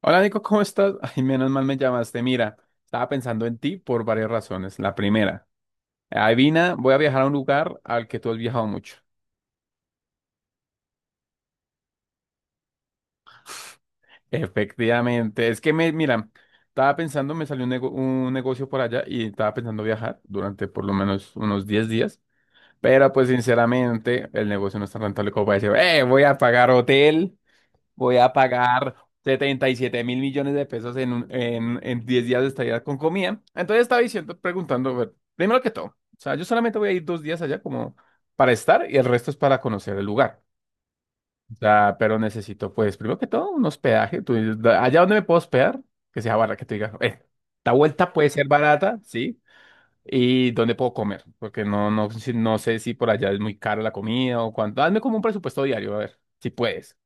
Hola Nico, ¿cómo estás? Ay, menos mal me llamaste. Mira, estaba pensando en ti por varias razones. La primera, adivina, voy a viajar a un lugar al que tú has viajado mucho. Efectivamente, es que mira, estaba pensando, me salió un negocio por allá y estaba pensando viajar durante por lo menos unos 10 días, pero pues sinceramente el negocio no está rentable como para decir, voy a pagar hotel. Voy a pagar 77 mil millones de pesos en 10 días de estadía con comida. Entonces estaba diciendo, preguntando, bueno, primero que todo, o sea, yo solamente voy a ir 2 días allá como para estar y el resto es para conocer el lugar. O sea, pero necesito, pues, primero que todo, un hospedaje. Tú dices, Allá donde me puedo hospedar, que sea barra, que te diga, esta vuelta puede ser barata, ¿sí? Y dónde puedo comer, porque no, no, no sé si por allá es muy cara la comida o cuánto. Hazme como un presupuesto diario, a ver, si puedes.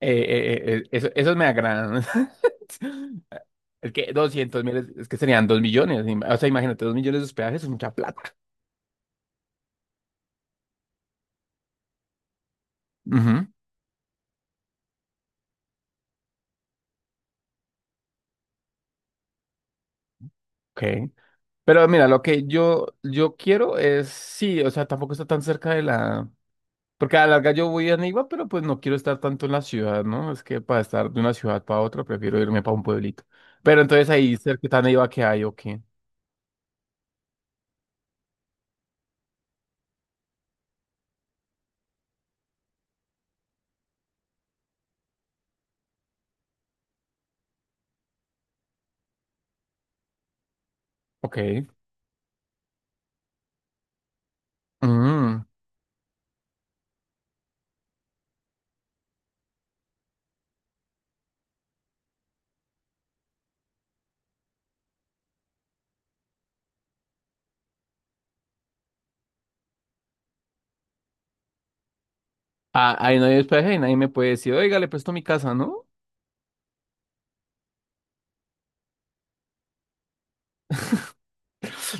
Esos me agradan. Es que 200.000, es que serían 2 millones. O sea, imagínate, 2 millones de hospedajes es mucha plata. Ujú, ok. Pero mira, lo que yo quiero es, sí, o sea, tampoco está tan cerca de la... Porque a la larga yo voy a Neiva, pero pues no quiero estar tanto en la ciudad, ¿no? Es que para estar de una ciudad para otra, prefiero irme para un pueblito. Pero entonces ahí cerca de Neiva que hay, ok. Ok. Mm. Ah, ahí no hay hospedaje y nadie me puede decir, oiga, le presto mi casa, ¿no?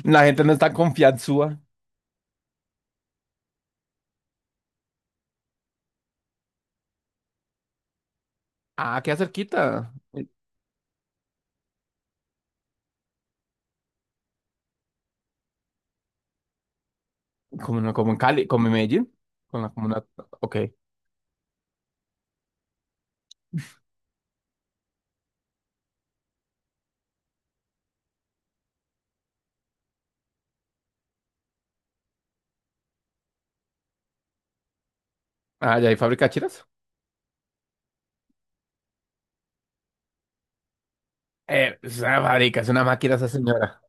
La gente no está confianzúa. Ah, queda cerquita. Como en Cali, como en Medellín. Con la comuna. Ok. Ah, ¿ya hay fábrica de chiras? Es una fábrica, es una máquina esa señora.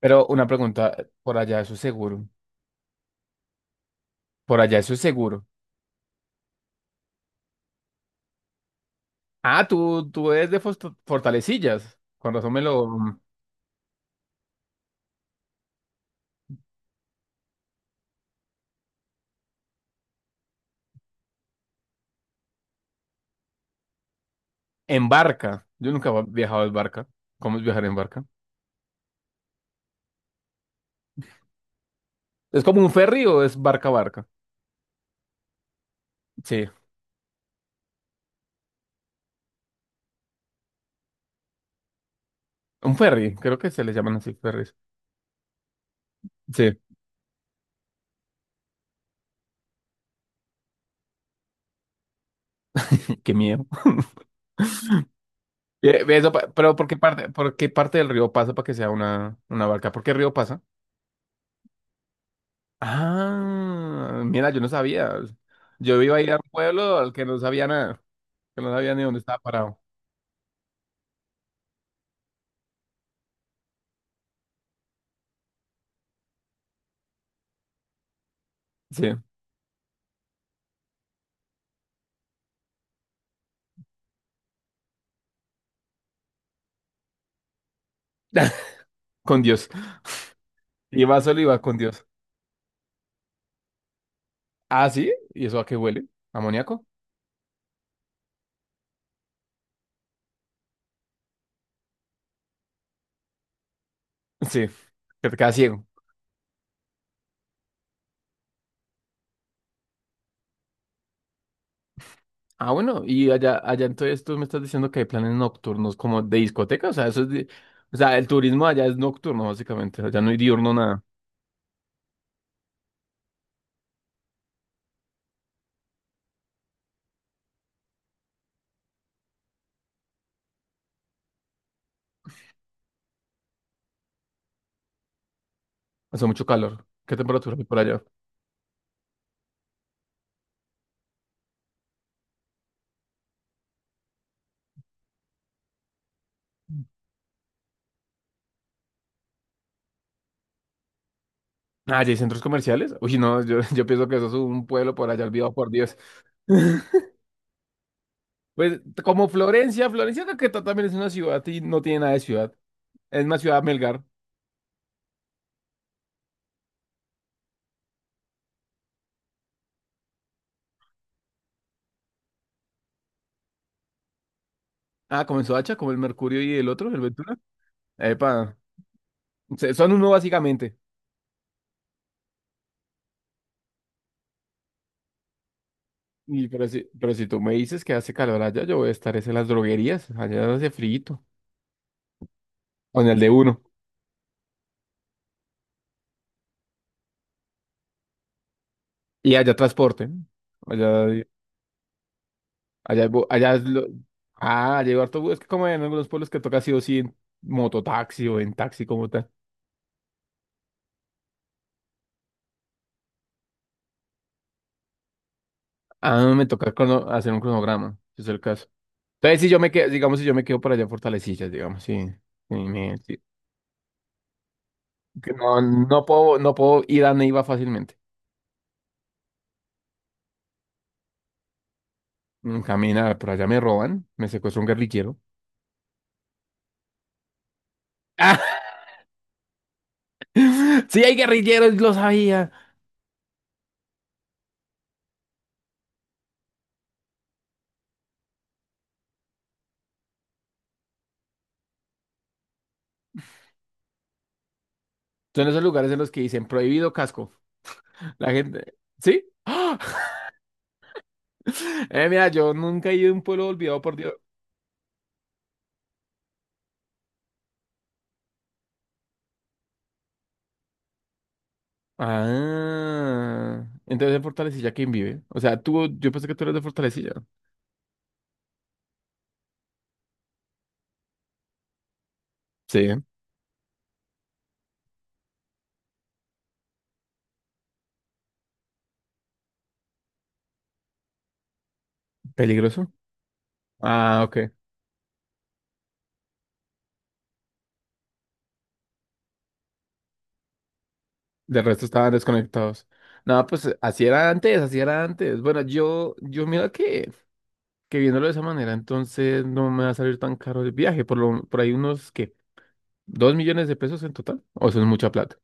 Pero una pregunta, por allá eso es seguro. Por allá eso es seguro. Ah, tú eres de Fortalecillas. Con razón me lo, mm, en barca. Yo nunca he viajado en barca. ¿Cómo es viajar en barca? ¿Es como un ferry o es barca barca? Sí. Un ferry, creo que se les llaman así ferries. Sí, qué miedo. Pero ¿por qué parte del río pasa para que sea una barca? ¿Por qué río pasa? Ah, mira, yo no sabía. Yo iba a ir a un pueblo al que no sabía nada, que no sabía ni dónde estaba parado. Sí, con Dios. Iba solo, iba con Dios. Ah, sí, ¿y eso a qué huele? ¿Amoníaco? Sí, que te queda ciego. Ah, bueno, y allá entonces tú me estás diciendo que hay planes nocturnos como de discoteca, o sea, eso es o sea, el turismo allá es nocturno, básicamente, allá no hay diurno nada, hace mucho calor. ¿Qué temperatura hay por allá? Ah, ¿y hay centros comerciales? Uy, no, yo, yo pienso que eso es un pueblo por allá olvidado por Dios. Pues como Florencia, Florencia creo que también es una ciudad y no tiene nada de ciudad. Es una ciudad Melgar. Ah, comenzó hacha como el Mercurio y el otro, el Ventura. Epa, son uno básicamente. Pero si tú me dices que hace calor allá, yo voy a estar es en las droguerías. Allá hace frío. Con el de uno. Y allá transporte, ¿no? Allá allá es lo... Ah, llegó harto bus. Es que como en algunos pueblos que toca sí o sí en mototaxi o en taxi como tal. Ah, me toca hacer un cronograma, si es el caso. Entonces, si yo me quedo, digamos, si yo me quedo por allá en Fortalecillas, digamos, sí. Sí, sí. Que no, no puedo ir a Neiva fácilmente. Camina, por allá me roban, me secuestra un guerrillero. Sí, hay guerrilleros, lo sabía. Son esos lugares en los que dicen prohibido casco. La gente, ¿sí? Mira, yo nunca he ido a un pueblo olvidado por Dios. Ah, entonces de Fortalecilla, ¿quién vive? O sea, tú, yo pensé que tú eres de Fortalecilla. Sí, peligroso. Ah, ok. Del resto estaban desconectados. No, pues así era antes, así era antes. Bueno, yo mira que viéndolo de esa manera, entonces no me va a salir tan caro el viaje, por ahí unos, ¿qué? ¿2 millones de pesos en total? O eso es mucha plata.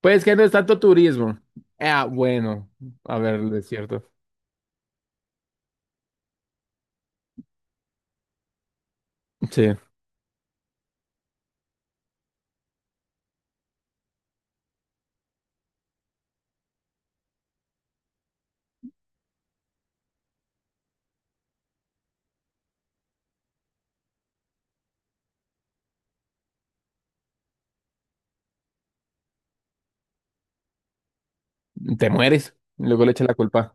Pues que no es tanto turismo. Ah, bueno, a ver, es cierto. Sí, te mueres. Luego le echa la culpa.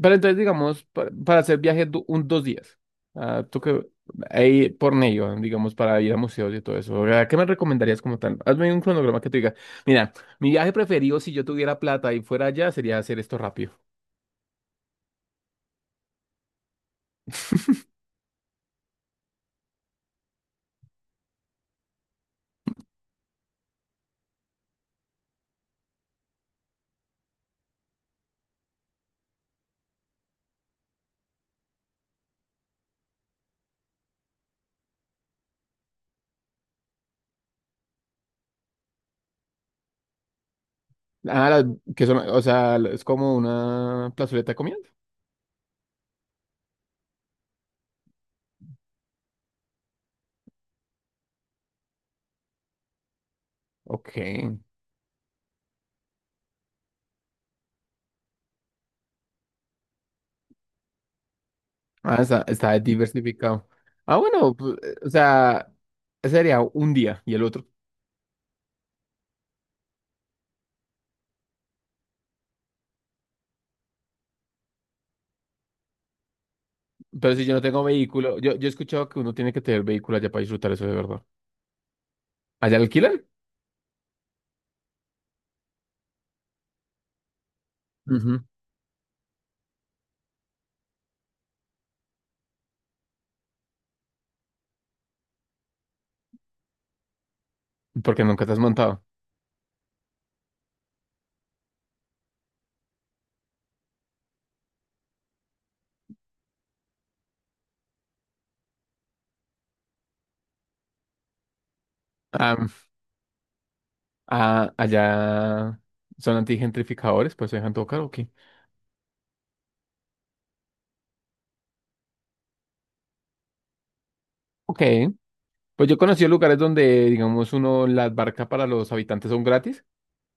Pero entonces, digamos, para hacer viaje un 2 días, ah, tú que ahí por medio, digamos, para ir a museos y todo eso, ¿a ¿qué me recomendarías como tal? Hazme un cronograma que tú diga, mira, mi viaje preferido si yo tuviera plata y fuera allá sería hacer esto rápido. Ah, que son, o sea, es como una plazoleta de comida. Ok. Ah, está diversificado. Ah, bueno, pues, o sea, ese sería un día y el otro. Pero si yo no tengo vehículo, yo he escuchado que uno tiene que tener vehículo allá para disfrutar eso de verdad. ¿Allá alquilan? Ujú. Porque nunca te has montado. Ah, ah, allá son antigentrificadores, pues se dejan todo caro, ok. Ok. Pues yo conocí lugares donde, digamos, uno, las barcas para los habitantes son gratis.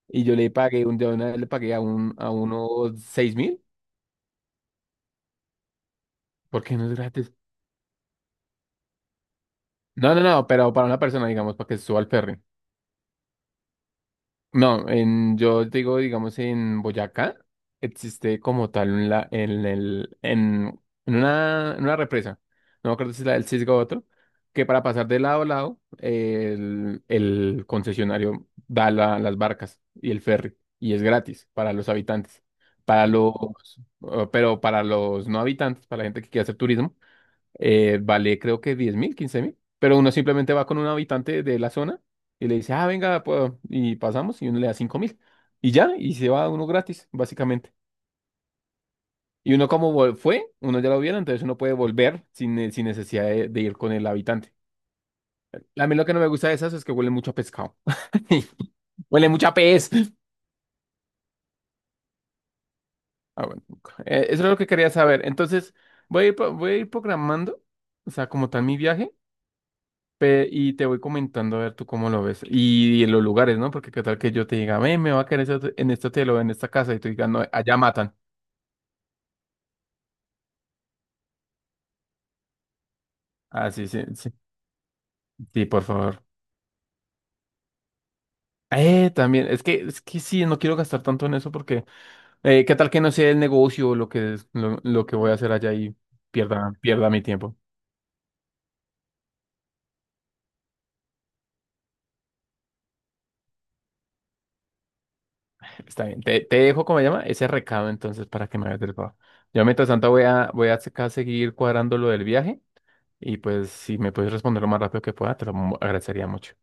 Y yo le pagué, de una vez le pagué a, a uno 6.000. ¿Por qué no es gratis? No, no, no, pero para una persona, digamos, para que se suba al ferry. No, yo digo, digamos, en Boyacá existe como tal un la- en, el, en una represa, no me acuerdo si es la del Cisgo o otro, que para pasar de lado a lado el concesionario da las barcas y el ferry y es gratis para los habitantes. Para los, pero para los no habitantes, para la gente que quiere hacer turismo, vale creo que 10.000, 15.000, pero uno simplemente va con un habitante de la zona y le dice, ah, venga, y pasamos y uno le da 5.000 y ya, y se va uno gratis, básicamente. Y uno como fue, uno ya lo vieron, entonces uno puede volver sin necesidad de ir con el habitante. A mí lo que no me gusta de esas es que huele mucho a pescado. Huele mucho a pez. Ah, bueno. Eso es lo que quería saber. Entonces, voy a ir programando, o sea, como tal mi viaje. Y te voy comentando a ver tú cómo lo ves. Y, en los lugares, ¿no? Porque qué tal que yo te diga, "Ve, me va a quedar ese en este hotel o en esta casa y tú digas, no, allá matan. Ah, sí, sí, sí, sí, por favor. También, es que sí, no quiero gastar tanto en eso porque, qué tal que no sea el negocio o lo que voy a hacer allá y pierda mi tiempo. Está bien, te dejo, ¿cómo se llama? Ese recado entonces para que me hagas el favor. Yo mientras tanto voy a acá seguir cuadrando lo del viaje y pues si me puedes responder lo más rápido que pueda, te lo agradecería mucho.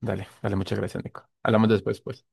Dale, dale, muchas gracias, Nico. Hablamos después, pues.